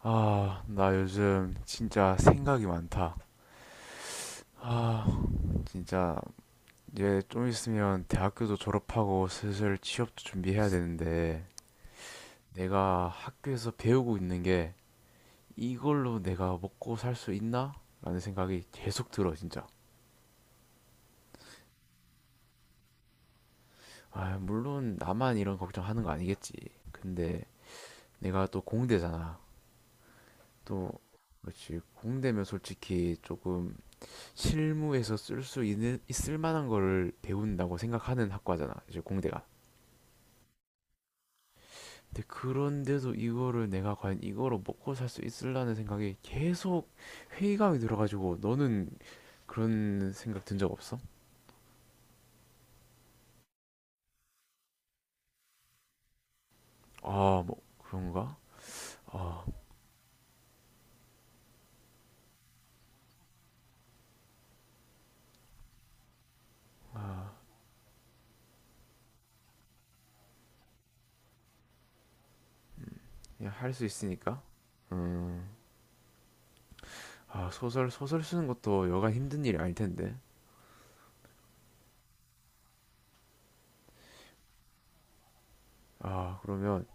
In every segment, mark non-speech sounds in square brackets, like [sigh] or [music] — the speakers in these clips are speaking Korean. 아, 나 요즘 진짜 생각이 많다. 아, 진짜 이제 좀 있으면 대학교도 졸업하고 슬슬 취업도 준비해야 되는데 내가 학교에서 배우고 있는 게 이걸로 내가 먹고 살 수 있나? 라는 생각이 계속 들어, 진짜. 아, 물론 나만 이런 걱정하는 거 아니겠지. 근데 내가 또 공대잖아. 또, 그렇지. 공대면 솔직히 조금 실무에서 쓸 수 있는 있을 만한 거를 배운다고 생각하는 학과잖아 이제 공대가. 근데 그런데도 이거를 내가 과연 이거로 먹고 살 수 있을라는 생각이 계속 회의감이 들어가지고. 너는 그런 생각 든 적 없어? 아 뭐 그런가? 아 그냥 할 수 있으니까. 음아, 소설 쓰는 것도 여간 힘든 일이 아닐 텐데. 아 그러면.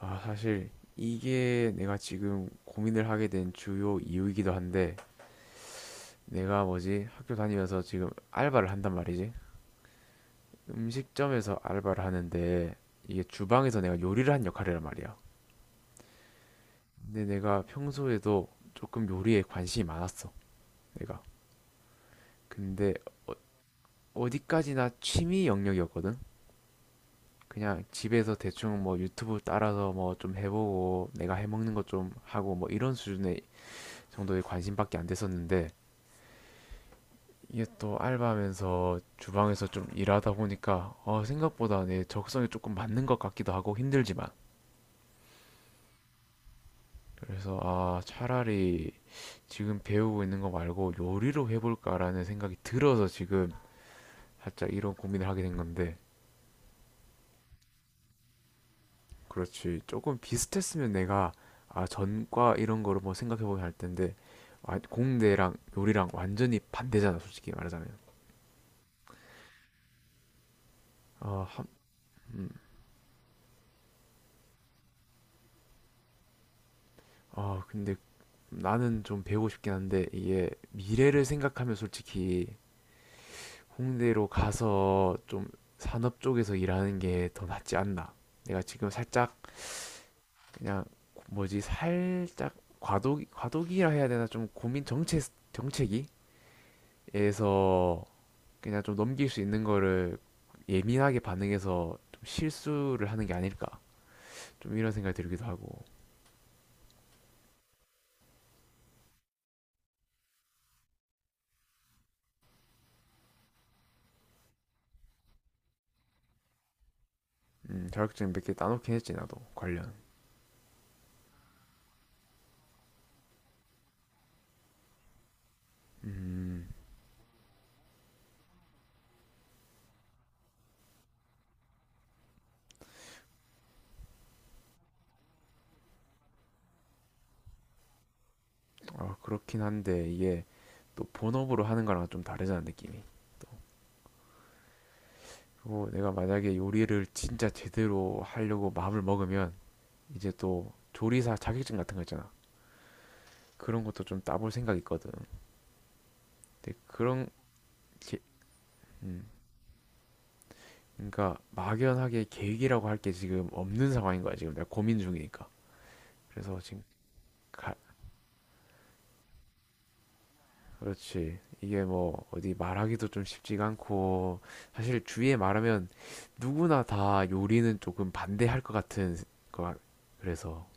아 사실 이게 내가 지금 고민을 하게 된 주요 이유이기도 한데, 내가 뭐지? 학교 다니면서 지금 알바를 한단 말이지. 음식점에서 알바를 하는데 이게 주방에서 내가 요리를 한 역할이란 말이야. 근데 내가 평소에도 조금 요리에 관심이 많았어. 내가. 근데 어디까지나 취미 영역이었거든. 그냥 집에서 대충 뭐 유튜브 따라서 뭐 좀 해보고 내가 해먹는 것 좀 하고 뭐 이런 수준의 정도의 관심밖에 안 됐었는데, 이게 또 알바하면서 주방에서 좀 일하다 보니까 생각보다 내 적성에 조금 맞는 것 같기도 하고 힘들지만. 그래서 아 차라리 지금 배우고 있는 거 말고 요리로 해볼까라는 생각이 들어서 지금 살짝 이런 고민을 하게 된 건데. 그렇지. 조금 비슷했으면 내가 아 전과 이런 거를 뭐 생각해보면 할 텐데. 아, 공대랑 요리랑 완전히 반대잖아, 솔직히 말하자면. 아 한, 음, 아 근데 나는 좀 배우고 싶긴 한데 이게 미래를 생각하면 솔직히 홍대로 가서 좀 산업 쪽에서 일하는 게 더 낫지 않나. 내가 지금 살짝 그냥 뭐지, 살짝 과도기, 과도기라 해야 되나, 좀 고민 정체, 정체기에서 그냥 좀 넘길 수 있는 거를 예민하게 반응해서 좀 실수를 하는 게 아닐까. 좀 이런 생각이 들기도 하고. 자격증 몇 개 따놓긴 했지, 나도 관련. 음. 아, 그렇긴 한데 이게 또 본업으로 하는 거랑 좀 다르잖아, 느낌이. 또, 그리고 내가 만약에 요리를 진짜 제대로 하려고 마음을 먹으면 이제 또 조리사 자격증 같은 거 있잖아. 그런 것도 좀 따볼 생각 있거든. 근데 그런 게, 음, 그러니까 막연하게 계획이라고 할 게 지금 없는 상황인 거야, 지금 내가 고민 중이니까. 그래서 지금 가, 그렇지. 이게 뭐 어디 말하기도 좀 쉽지가 않고 사실 주위에 말하면 누구나 다 요리는 조금 반대할 것 같은 거 같-. 그래서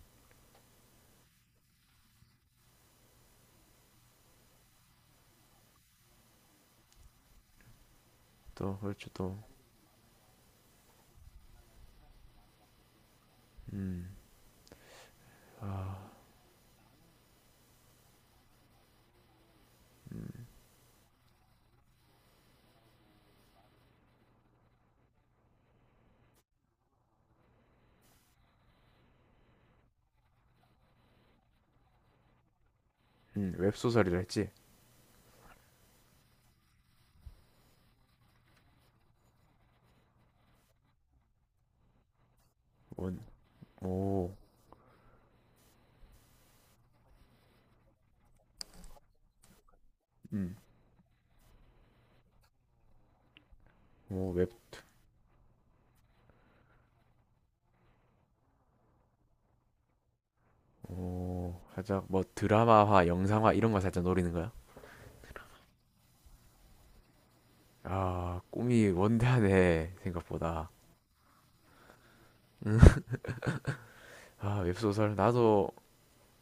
또. 그렇죠. 또 음. 아, 웹소설이라 했지. 뭔, 오. 음. 오, 웹, 오, 살짝 뭐 드라마화, 영상화 이런 거 살짝 노리는 거야? 아, 꿈이 원대하네 생각보다. 아, 웹소설 나도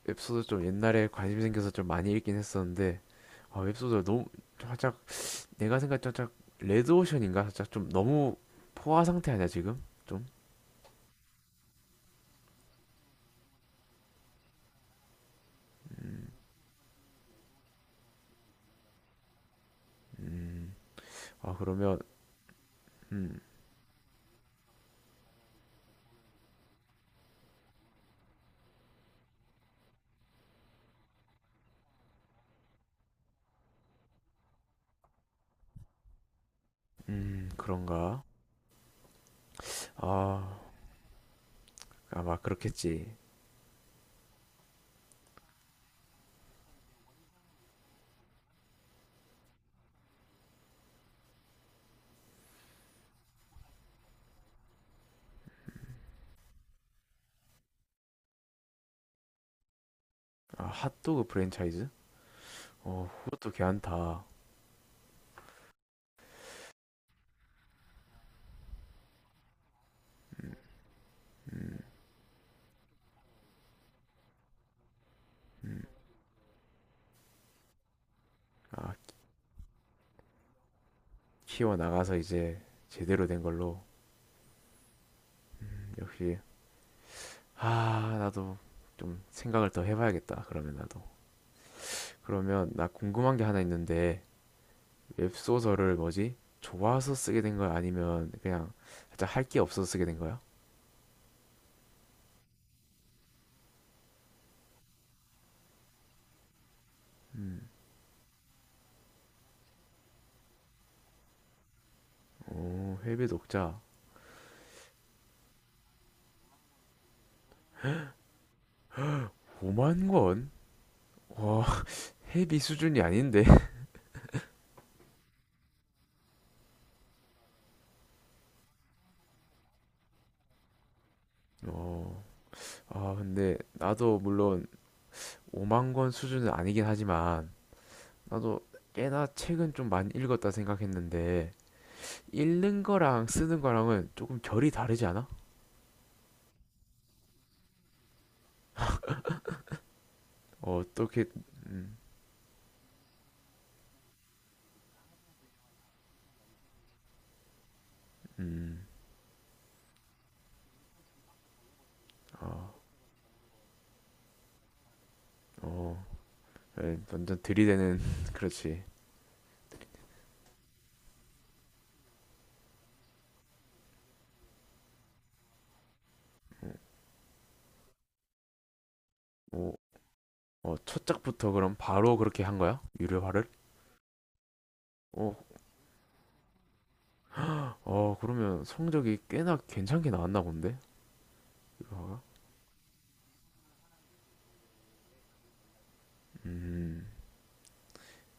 웹소설 좀 옛날에 관심 생겨서 좀 많이 읽긴 했었는데. 아, 웹소설 너무 살짝 내가 생각했던 살짝 레드오션인가, 살짝 좀 너무 포화 상태 아니야 지금 좀? 음, 아 그러면 음, 그런가? 아, 아마 그렇겠지. 아 핫도그 프랜차이즈? 어 그것도 괜찮다. 아 키워 나가서 이제 제대로 된 걸로. 역시. 아 나도 좀 생각을 더 해봐야겠다. 그러면 나도. 그러면 나 궁금한 게 하나 있는데, 웹소설을 뭐지? 좋아서 쓰게 된 거야? 아니면 그냥 살짝 할 게 없어서 쓰게 된 거야? 음, 오, 해외 독자. 5만 권? 와, 헤비 수준이 아닌데? [laughs] 어, 아, 근데 나도 물론 5만 권 수준은 아니긴 하지만 나도 꽤나 책은 좀 많이 읽었다 생각했는데, 읽는 거랑 쓰는 거랑은 조금 결이 다르지 않아? 어떻게, 음, 음, 아, 어, 예, 완전 들이대는, [laughs] 그렇지. 오, 어, 첫 작부터 그럼 바로 그렇게 한 거야? 유료화를? 어, 어, 그러면 성적이 꽤나 괜찮게 나왔나 본데? 유료화가?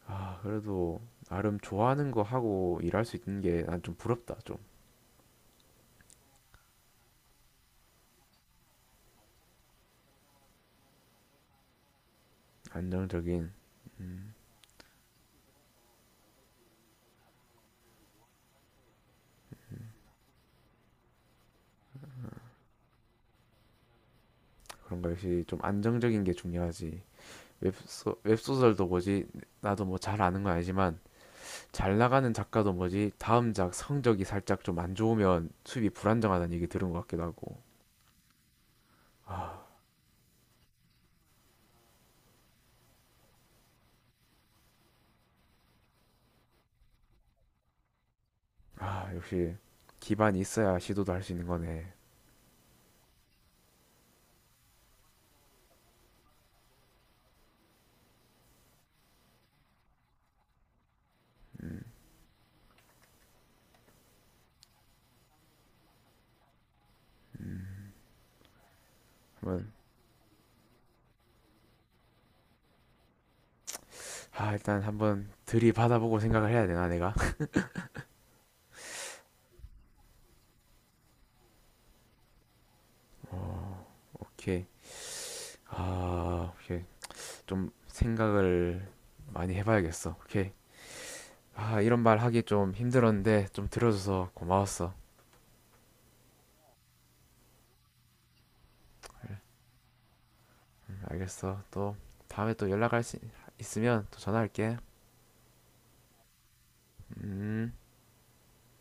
아, 그래도 나름 좋아하는 거 하고 일할 수 있는 게 난 좀 부럽다, 좀. 안정적인. 그런 거 역시 좀 안정적인 게 중요하지. 웹소, 웹소설도 뭐지? 나도 뭐 잘 아는 건 아니지만 잘 나가는 작가도 뭐지? 다음 작 성적이 살짝 좀 안 좋으면 수입이 불안정하다는 얘기 들은 것 같기도 하고. 아, 역시 기반이 있어야 시도도 할 수 있는 거네. 한 번. 아, 일단 한번 들이받아보고 생각을 해야 되나, 내가? [laughs] 오케이. 아, 오케이. 좀 생각을 많이 해봐야겠어. 오케이. 아, 이런 말 하기 좀 힘들었는데 좀 들어줘서 고마웠어. 알겠어. 또 다음에 또 연락할 수 있으면 또 전화할게. 음.